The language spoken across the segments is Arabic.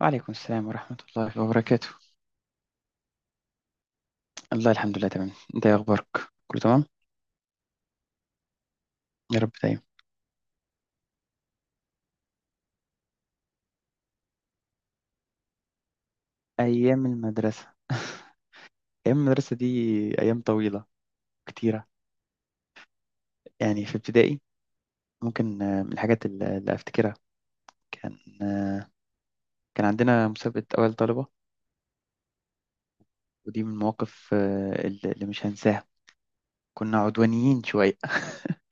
وعليكم السلام ورحمة الله وبركاته. الله الحمد لله، تمام. انت ايه اخبارك؟ كله تمام. يا رب دايما. ايام المدرسة ايام المدرسة دي ايام طويلة كتيرة. يعني في ابتدائي، ممكن من الحاجات اللي افتكرها، كان كان عندنا مسابقة اول طلبة. ودي من المواقف اللي مش هنساها. كنا عدوانيين شوية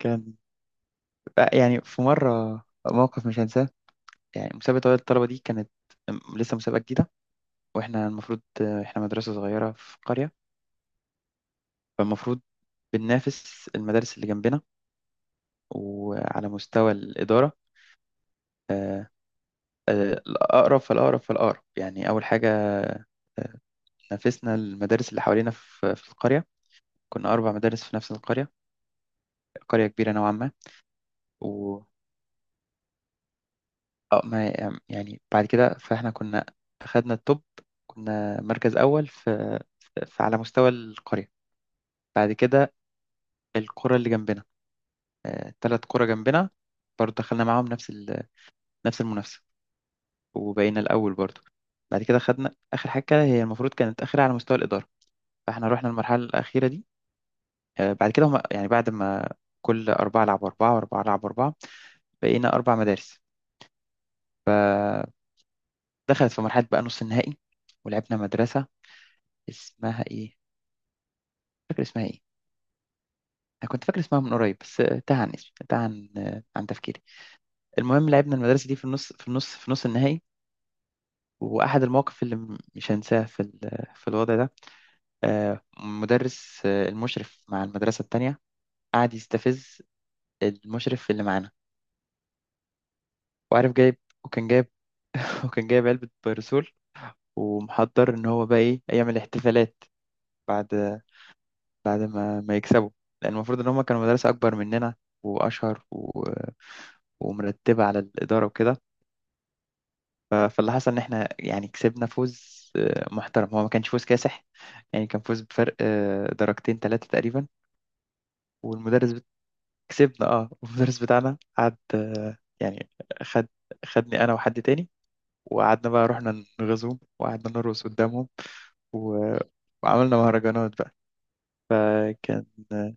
كان يعني في مرة موقف مش هنساه. يعني مسابقة أول الطلبة دي كانت لسه مسابقة جديدة. وإحنا المفروض إحنا مدرسة صغيرة في قرية، فالمفروض بننافس المدارس اللي جنبنا وعلى مستوى الإدارة. آه، الأقرب فالأقرب فالأقرب، يعني أول حاجة آه، نافسنا المدارس اللي حوالينا في القرية. كنا أربع مدارس في نفس القرية، قرية كبيرة نوعا ما. و ما يعني بعد كده فإحنا كنا أخدنا التوب، كنا مركز أول في على مستوى القرية. بعد كده القرى اللي جنبنا، ثلاث قرى جنبنا برضه دخلنا معاهم نفس المنافسة. وبقينا الأول برضو. بعد كده خدنا آخر حاجة، هي المفروض كانت آخرها على مستوى الإدارة، فإحنا رحنا المرحلة الأخيرة دي. بعد كده هم، يعني بعد ما كل أربعة لعبوا أربعة وأربعة لعبوا أربعة، بقينا أربع مدارس. فدخلت في مرحلة بقى نص النهائي. ولعبنا مدرسة اسمها إيه؟ مش فاكر اسمها إيه؟ أنا كنت فاكر اسمها من قريب، بس تاه عن اسمي، تاه عن عن تفكيري. المهم لعبنا المدرسة دي في نص النهائي. وأحد المواقف اللي مش هنساها في في الوضع ده، مدرس المشرف مع المدرسة التانية قعد يستفز المشرف اللي معانا. وعارف جايب وكان جايب وكان جايب علبة بيرسول، ومحضر إن هو بقى إيه يعمل احتفالات بعد بعد ما يكسبوا، لأن المفروض إن هما كانوا مدرسة أكبر مننا وأشهر ومرتبة على الإدارة وكده. فاللي حصل إن إحنا يعني كسبنا فوز محترم، هو ما كانش فوز كاسح. يعني كان فوز بفرق درجتين ثلاثة تقريبا. والمدرس كسبنا اه، والمدرس بتاعنا قعد يعني خد خدني انا وحد تاني، وقعدنا بقى رحنا نغزوهم وقعدنا نرقص قدامهم و... وعملنا مهرجانات بقى. فكان آه،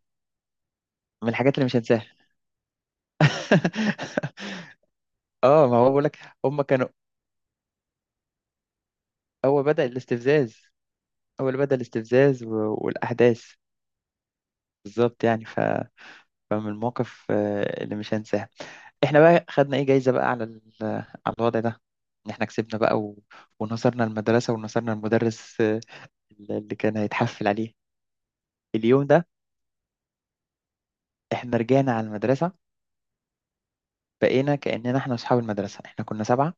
من الحاجات اللي مش هنساها اه، ما هو بقول لك. هم كانوا هو بدأ الاستفزاز. هو اللي بدأ الاستفزاز والاحداث، بالظبط يعني. فمن المواقف اللي مش هنساها. احنا بقى خدنا ايه جايزة بقى على على الوضع ده، ان احنا كسبنا بقى ونصرنا المدرسة ونصرنا المدرس اللي كان هيتحفل عليه. اليوم ده احنا رجعنا على المدرسة، بقينا كأننا احنا اصحاب المدرسة، احنا كنا سبعة.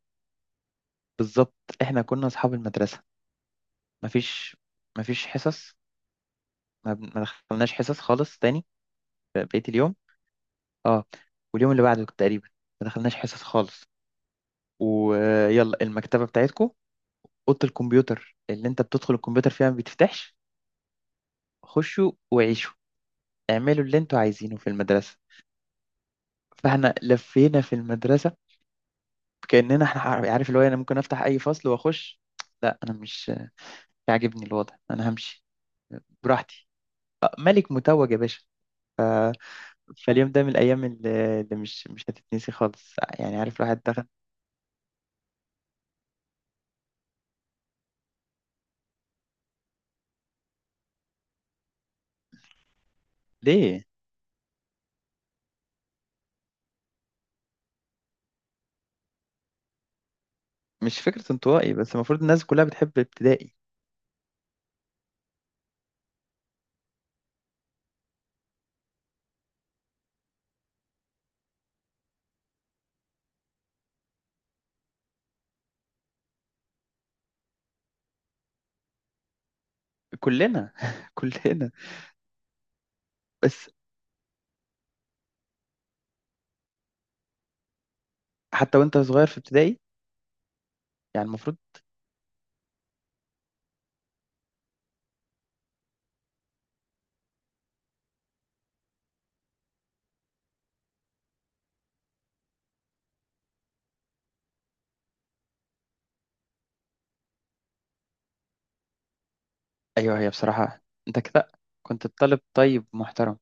بالظبط، احنا كنا اصحاب المدرسة. مفيش مفيش حصص. ما دخلناش حصص خالص تاني بقية اليوم. اه، واليوم اللي بعده تقريبا ما دخلناش حصص خالص. ويلا المكتبة بتاعتكم، اوضه الكمبيوتر اللي انت بتدخل الكمبيوتر فيها ما بتفتحش، خشوا وعيشوا اعملوا اللي انتوا عايزينه في المدرسه. فاحنا لفينا في المدرسه كاننا احنا، عارف، اللي هو انا ممكن افتح اي فصل واخش. لا، انا مش عاجبني الوضع، انا همشي براحتي. ملك متوج يا باشا. فاليوم ده من الايام اللي مش هتتنسي خالص، يعني عارف الواحد دخل. ليه؟ مش فكره انطوائي، بس المفروض الناس كلها بتحب ابتدائي. كلنا كلنا بس. حتى وانت صغير في ابتدائي، يعني المفروض. ايوه، هي بصراحة انت كده كنت طالب طيب محترم.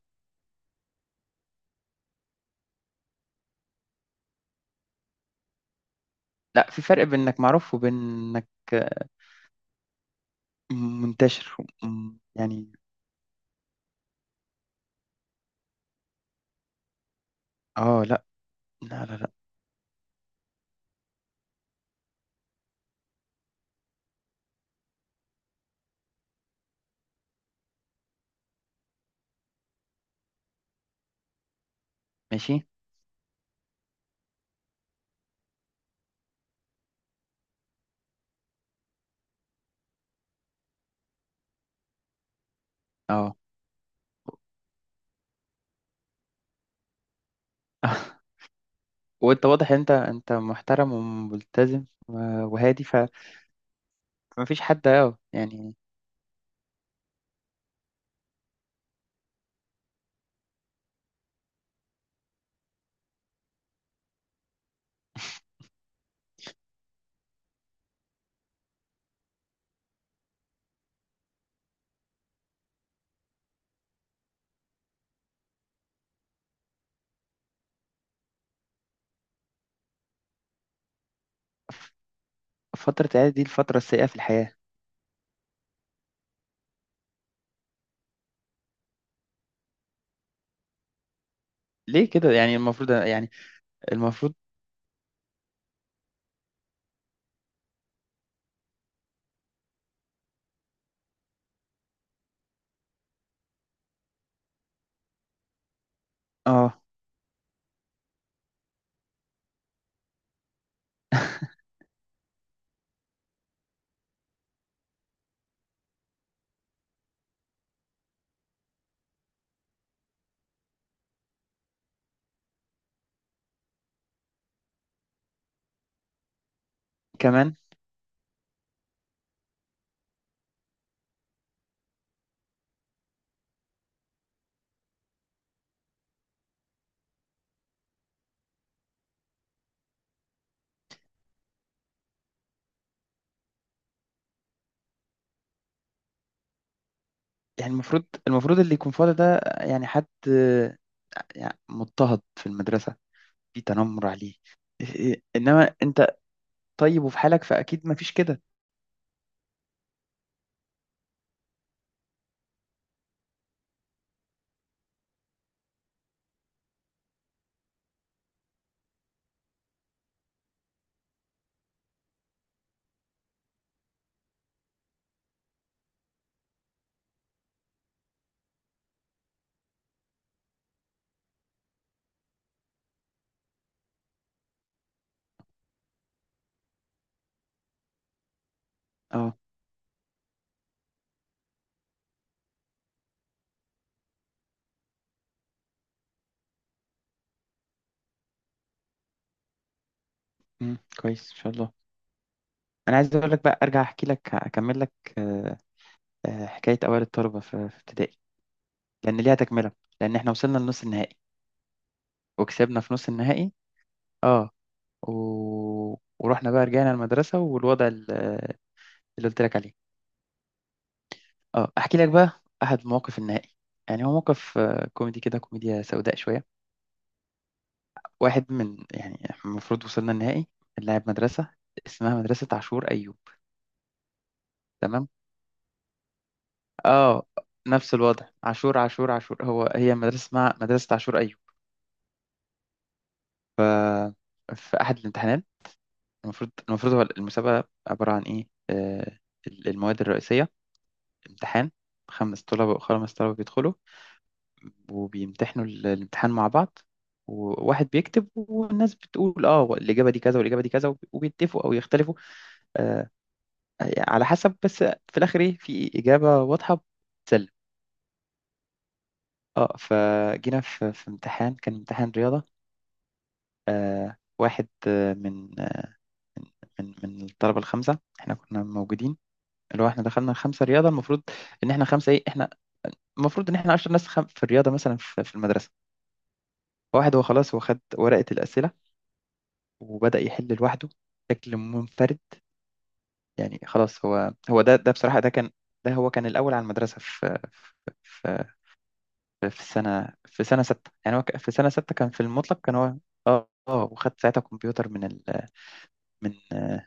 لا، في فرق بين انك معروف وبين انك منتشر. يعني اه. لا لا لا لا، ماشي. اه وانت واضح، انت محترم وملتزم وهادي، فما فيش حد، اه يعني. ف- فترة العيادة دي الفترة السيئة في الحياة. ليه كده؟ يعني المفروض، يعني المفروض اه كمان، يعني المفروض، المفروض اللي يكون فاضي ده، يعني حد يعني مضطهد في المدرسة، في تنمر عليه، إيه إيه. انما انت طيب وفي حالك، فاكيد ما فيش كده. اه. مم، كويس ان شاء الله. انا عايز اقول لك بقى، ارجع احكي لك، اكمل لك آه، حكايه اوائل الطلبه في ابتدائي، لان ليها تكمله، لان احنا وصلنا لنص النهائي وكسبنا في نص النهائي. اه و... ورحنا بقى رجعنا المدرسه والوضع اللي قلت لك عليه. اه احكي لك بقى احد مواقف النهائي. يعني هو موقف كوميدي كده، كوميديا سوداء شويه. واحد من، يعني إحنا المفروض وصلنا النهائي، اللاعب مدرسة اسمها مدرسة عاشور أيوب. تمام اه، نفس الوضع عاشور عاشور عاشور، هو هي مدرسة اسمها مدرسة عاشور أيوب. ف... في أحد الامتحانات، المفروض هو المسابقة عبارة عن إيه، آه المواد الرئيسية، امتحان، خمس طلبة بيدخلوا وبيمتحنوا الامتحان مع بعض، وواحد بيكتب والناس بتقول اه الإجابة دي كذا والإجابة دي كذا وبيتفقوا أو يختلفوا آه، على حسب، بس في الاخر ايه، في اجابه واضحه بتسلم. اه فجينا في امتحان كان امتحان رياضه. آه واحد آه، من آه، من الطلبه الخمسه، احنا كنا موجودين، اللي هو احنا دخلنا الخمسه رياضه. المفروض ان احنا خمسه ايه احنا، المفروض ان احنا 10 ناس في الرياضه مثلا في, المدرسه. واحد هو خلاص هو خد ورقه الاسئله وبدا يحل لوحده بشكل منفرد. يعني خلاص هو ده بصراحه ده كان، ده هو كان الاول على المدرسه في سنة، سنة ستة، يعني هو في سنة ستة كان في المطلق كان هو. اه اه، وخد ساعتها كمبيوتر من ال من آه،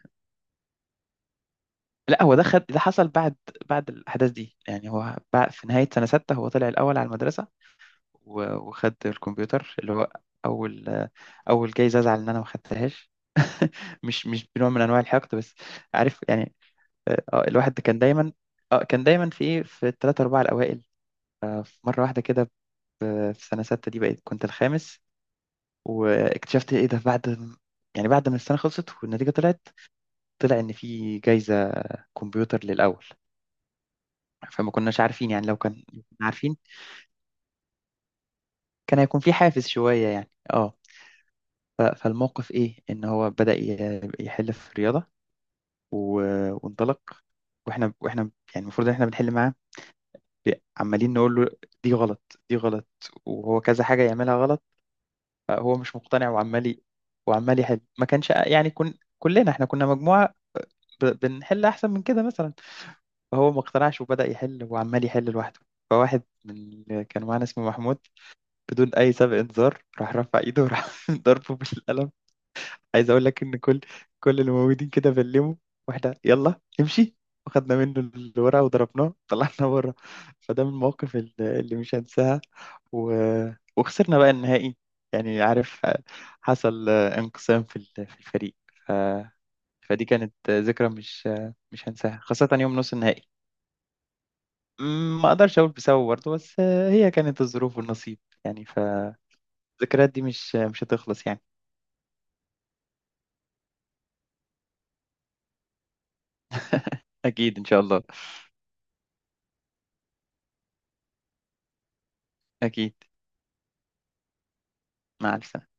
لا، هو ده خد، ده حصل بعد الأحداث دي. يعني هو بعد في نهاية سنة ستة هو طلع الأول على المدرسة وخد الكمبيوتر اللي هو أول أول جايزة أزعل إن أنا ما خدتهاش مش بنوع من أنواع الحقد، بس عارف يعني الواحد كان دايما، اه كان دايما في إيه في الثلاثة أربعة الأوائل. في مرة واحدة كده في سنة ستة دي بقيت كنت الخامس. واكتشفت ايه ده بعد يعني بعد ما السنه خلصت والنتيجه طلعت، طلع ان في جايزه كمبيوتر للاول. فما كناش عارفين، يعني لو كان كنا عارفين كان هيكون في حافز شويه يعني اه. فالموقف ايه ان هو بدأ يحل في الرياضه وانطلق. واحنا يعني المفروض ان احنا بنحل معاه، عمالين نقول له دي غلط دي غلط، وهو كذا حاجه يعملها غلط، هو مش مقتنع وعمال يحل. ما كانش، يعني كن كلنا احنا كنا مجموعه بنحل احسن من كده مثلا. هو ما اقتنعش وبدأ يحل وعمال يحل لوحده. فواحد من اللي كانوا معانا اسمه محمود، بدون أي سابق إنذار راح رفع إيده وراح ضربه بالقلم. عايز أقول لك إن كل اللي موجودين كده بلموا، واحدة يلا امشي، وخدنا منه الورقة وضربناه طلعنا بره. فده من المواقف اللي مش هنساها. و... وخسرنا بقى النهائي، يعني عارف حصل انقسام في في الفريق. ف... فدي كانت ذكرى مش هنساها خاصة يوم نص النهائي. مم، ما اقدرش اقول بسبب برضه، بس آه، هي كانت الظروف والنصيب يعني. فالذكريات دي مش هتخلص يعني. اكيد ان شاء الله. اكيد. مع السلامه.